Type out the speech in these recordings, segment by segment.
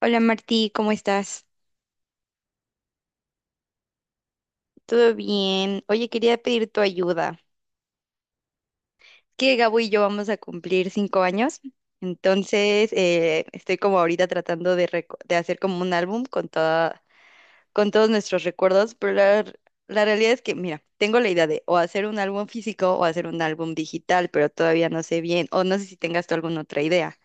Hola Martí, ¿cómo estás? ¿Todo bien? Oye, quería pedir tu ayuda. Que Gabo y yo vamos a cumplir 5 años, entonces estoy como ahorita tratando de hacer como un álbum con todos nuestros recuerdos, pero la realidad es que, mira, tengo la idea de o hacer un álbum físico o hacer un álbum digital, pero todavía no sé bien, o no sé si tengas tú alguna otra idea.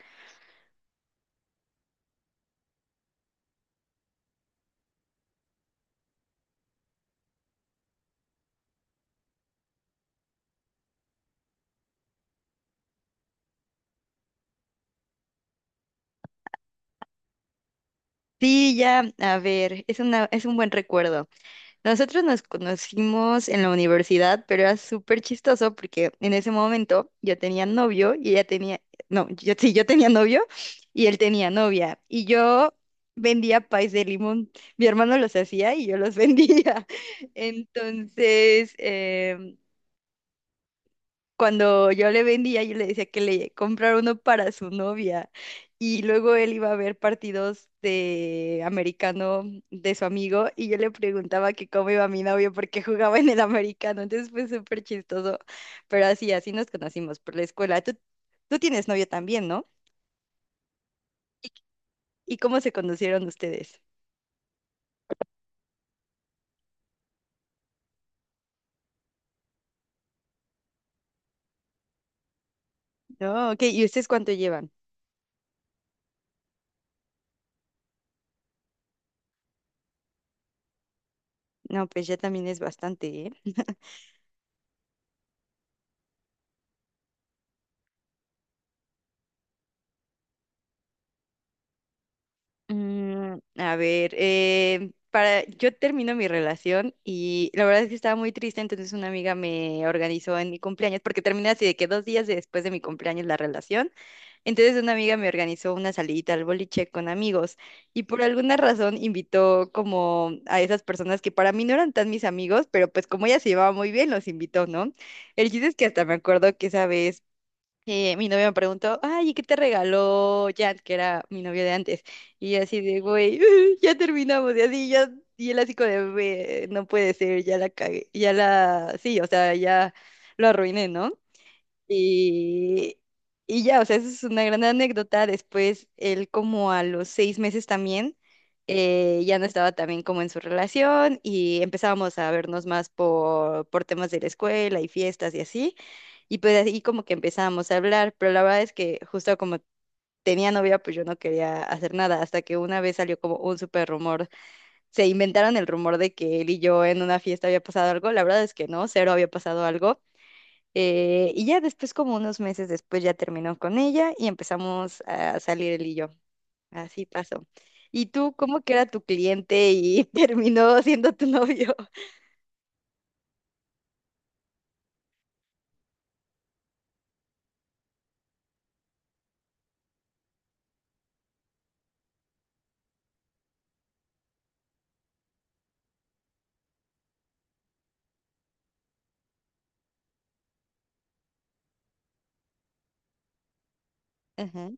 Sí, ya, a ver, es un buen recuerdo. Nosotros nos conocimos en la universidad, pero era súper chistoso porque en ese momento yo tenía novio y ella tenía, no, yo sí, yo tenía novio y él tenía novia. Y yo vendía pais de limón. Mi hermano los hacía y yo los vendía. Entonces, cuando yo le vendía, yo le decía que le comprara uno para su novia. Y luego él iba a ver partidos de americano de su amigo y yo le preguntaba que cómo iba mi novio porque jugaba en el americano. Entonces fue súper chistoso. Pero así, así nos conocimos por la escuela. Tú tienes novio también, ¿no? ¿Y, y cómo se conocieron ustedes? No, ok. ¿Y ustedes cuánto llevan? No, pues ya también es bastante, ¿eh? Mm, a ver, yo termino mi relación y la verdad es que estaba muy triste, entonces una amiga me organizó en mi cumpleaños, porque terminé así de que 2 días después de mi cumpleaños la relación, entonces una amiga me organizó una salidita al boliche con amigos y por alguna razón invitó como a esas personas que para mí no eran tan mis amigos, pero pues como ella se llevaba muy bien, los invitó, ¿no? El chiste es que hasta me acuerdo que sabes mi novio me preguntó, ay, ¿y qué te regaló Jan, que era mi novio de antes? Y yo así de, güey, ya terminamos, y así, ya, y él así como de, "Ve, no puede ser, ya la cagué, sí, o sea, ya lo arruiné, ¿no? Y, y ya, o sea, eso es una gran anécdota. Después, él como a los 6 meses también, ya no estaba también como en su relación y empezábamos a vernos más por temas de la escuela y fiestas y así. Y pues así como que empezábamos a hablar, pero la verdad es que justo como tenía novia, pues yo no quería hacer nada, hasta que una vez salió como un súper rumor. Se inventaron el rumor de que él y yo en una fiesta había pasado algo, la verdad es que no, cero había pasado algo. Y ya después, como unos meses después, ya terminó con ella y empezamos a salir él y yo. Así pasó. ¿Y tú cómo que era tu cliente y terminó siendo tu novio? Ajá,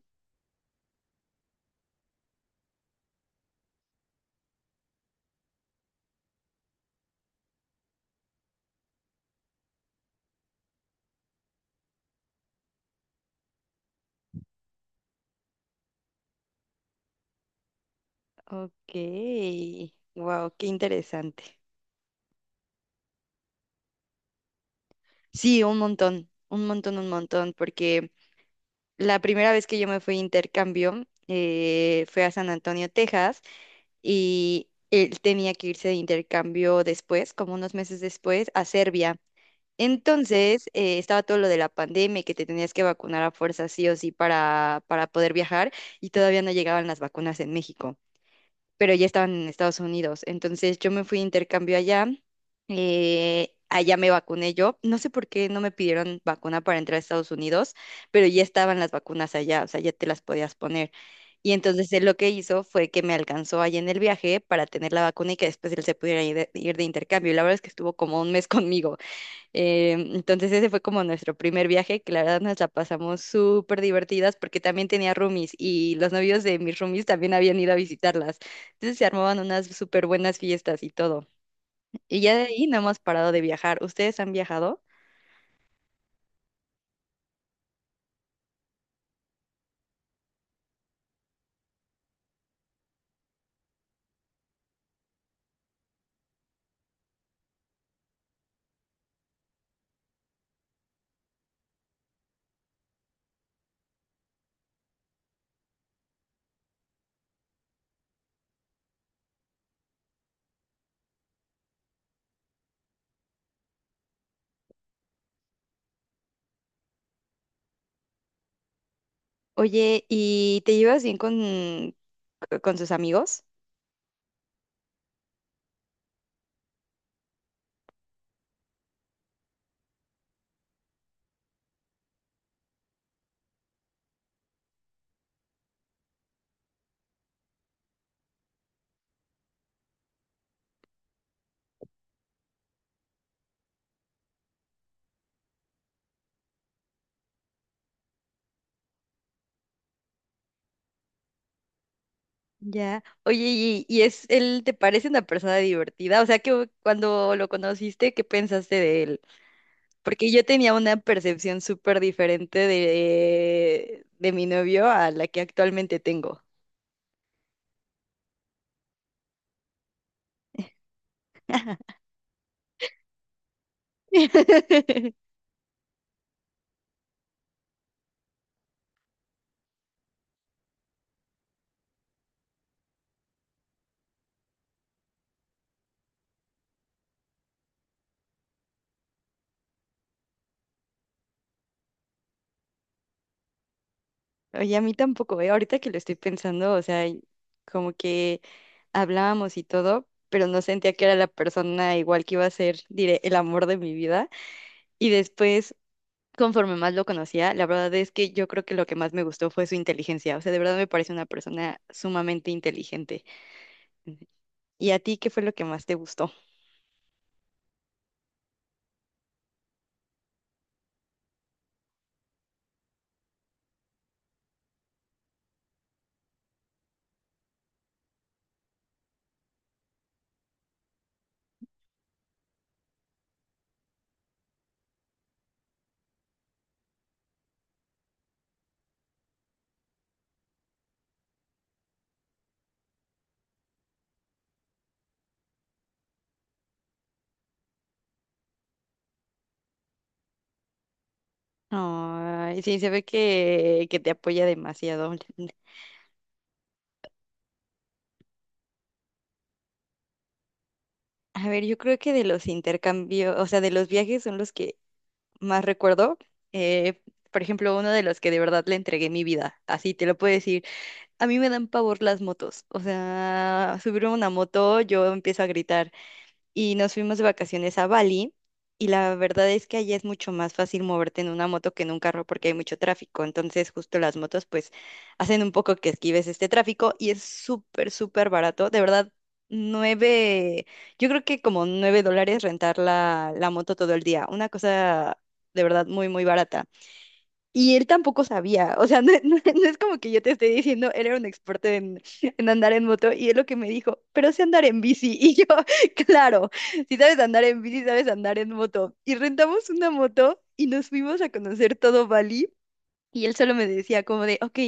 ok. Wow, qué interesante. Sí, un montón, un montón, un montón, porque la primera vez que yo me fui a intercambio fue a San Antonio, Texas, y él tenía que irse de intercambio después, como unos meses después, a Serbia. Entonces, estaba todo lo de la pandemia y que te tenías que vacunar a fuerza sí o sí para poder viajar y todavía no llegaban las vacunas en México, pero ya estaban en Estados Unidos. Entonces, yo me fui a intercambio allá, allá me vacuné yo. No sé por qué no me pidieron vacuna para entrar a Estados Unidos, pero ya estaban las vacunas allá, o sea, ya te las podías poner. Y entonces él lo que hizo fue que me alcanzó allá en el viaje para tener la vacuna y que después él se pudiera ir de intercambio. Y la verdad es que estuvo como un mes conmigo. Entonces ese fue como nuestro primer viaje, que la verdad nos la pasamos súper divertidas porque también tenía roomies y los novios de mis roomies también habían ido a visitarlas. Entonces se armaban unas súper buenas fiestas y todo. Y ya de ahí no hemos parado de viajar. ¿Ustedes han viajado? Oye, ¿y te llevas bien con sus amigos? Ya. Oye, ¿y es él te parece una persona divertida? O sea, que cuando lo conociste, ¿qué pensaste de él? Porque yo tenía una percepción súper diferente de mi novio a la que actualmente tengo. Oye, a mí tampoco, ¿eh? Ahorita que lo estoy pensando, o sea, y como que hablábamos y todo, pero no sentía que era la persona igual que iba a ser, diré, el amor de mi vida. Y después, conforme más lo conocía, la verdad es que yo creo que lo que más me gustó fue su inteligencia. O sea, de verdad me parece una persona sumamente inteligente. ¿Y a ti qué fue lo que más te gustó? Ay, sí, se ve que te apoya demasiado. A ver, yo creo que de los intercambios, o sea, de los viajes son los que más recuerdo. Eh, por ejemplo, uno de los que de verdad le entregué mi vida, así te lo puedo decir. A mí me dan pavor las motos, o sea, subirme a una moto, yo empiezo a gritar. Y nos fuimos de vacaciones a Bali y la verdad es que allá es mucho más fácil moverte en una moto que en un carro porque hay mucho tráfico, entonces justo las motos pues hacen un poco que esquives este tráfico y es súper, súper barato, de verdad, nueve, yo creo que como $9 rentar la moto todo el día, una cosa de verdad muy, muy barata. Y él tampoco sabía, o sea, no es como que yo te esté diciendo, él era un experto en andar en moto y él lo que me dijo, pero sé andar en bici. Y yo, claro, si sabes andar en bici, sabes andar en moto. Y rentamos una moto y nos fuimos a conocer todo Bali y él solo me decía como de, ok,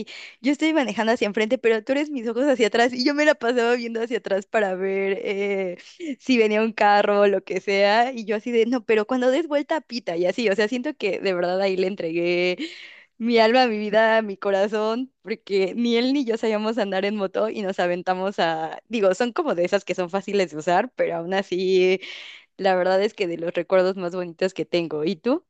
yo estoy manejando hacia enfrente, pero tú eres mis ojos hacia atrás. Y yo me la pasaba viendo hacia atrás para ver si venía un carro o lo que sea. Y yo así de, no, pero cuando des vuelta, pita. Y así, o sea, siento que de verdad ahí le entregué mi alma, mi vida, mi corazón, porque ni él ni yo sabíamos andar en moto y nos aventamos a, digo, son como de esas que son fáciles de usar, pero aún así, la verdad es que de los recuerdos más bonitos que tengo. ¿Y tú?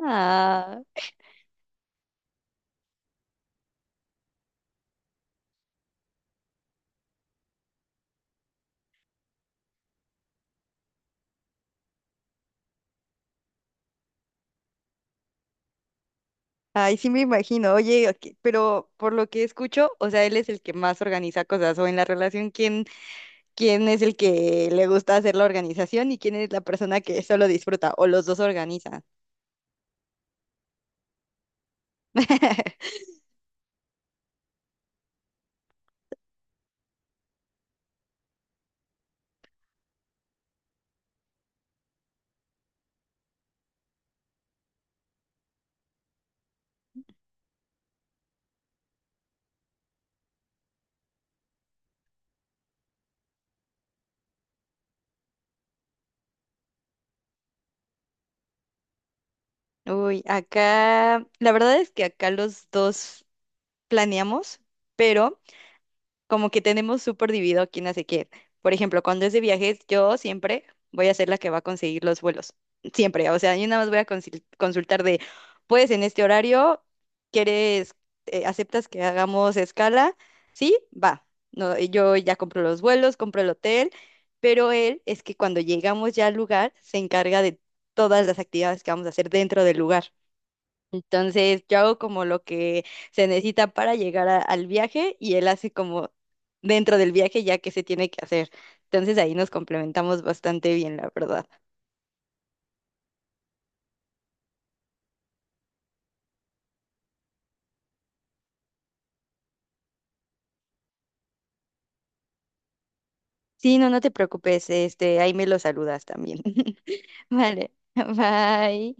Ah. Ay, sí me imagino. Oye, ok, pero por lo que escucho, o sea, él es el que más organiza cosas o en la relación, ¿quién es el que le gusta hacer la organización y quién es la persona que solo disfruta o los dos organizan? Uy, acá, la verdad es que acá los dos planeamos, pero como que tenemos súper dividido quién hace qué. Por ejemplo, cuando es de viajes, yo siempre voy a ser la que va a conseguir los vuelos. Siempre. O sea, yo nada más voy a consultar de, pues en este horario, ¿quieres, aceptas que hagamos escala? Sí, va. No, yo ya compro los vuelos, compro el hotel, pero él es que cuando llegamos ya al lugar, se encarga de todas las actividades que vamos a hacer dentro del lugar. Entonces yo hago como lo que se necesita para llegar al viaje y él hace como dentro del viaje ya que se tiene que hacer. Entonces ahí nos complementamos bastante bien, la verdad. Sí, no, no te preocupes, este, ahí me lo saludas también. Vale, bye.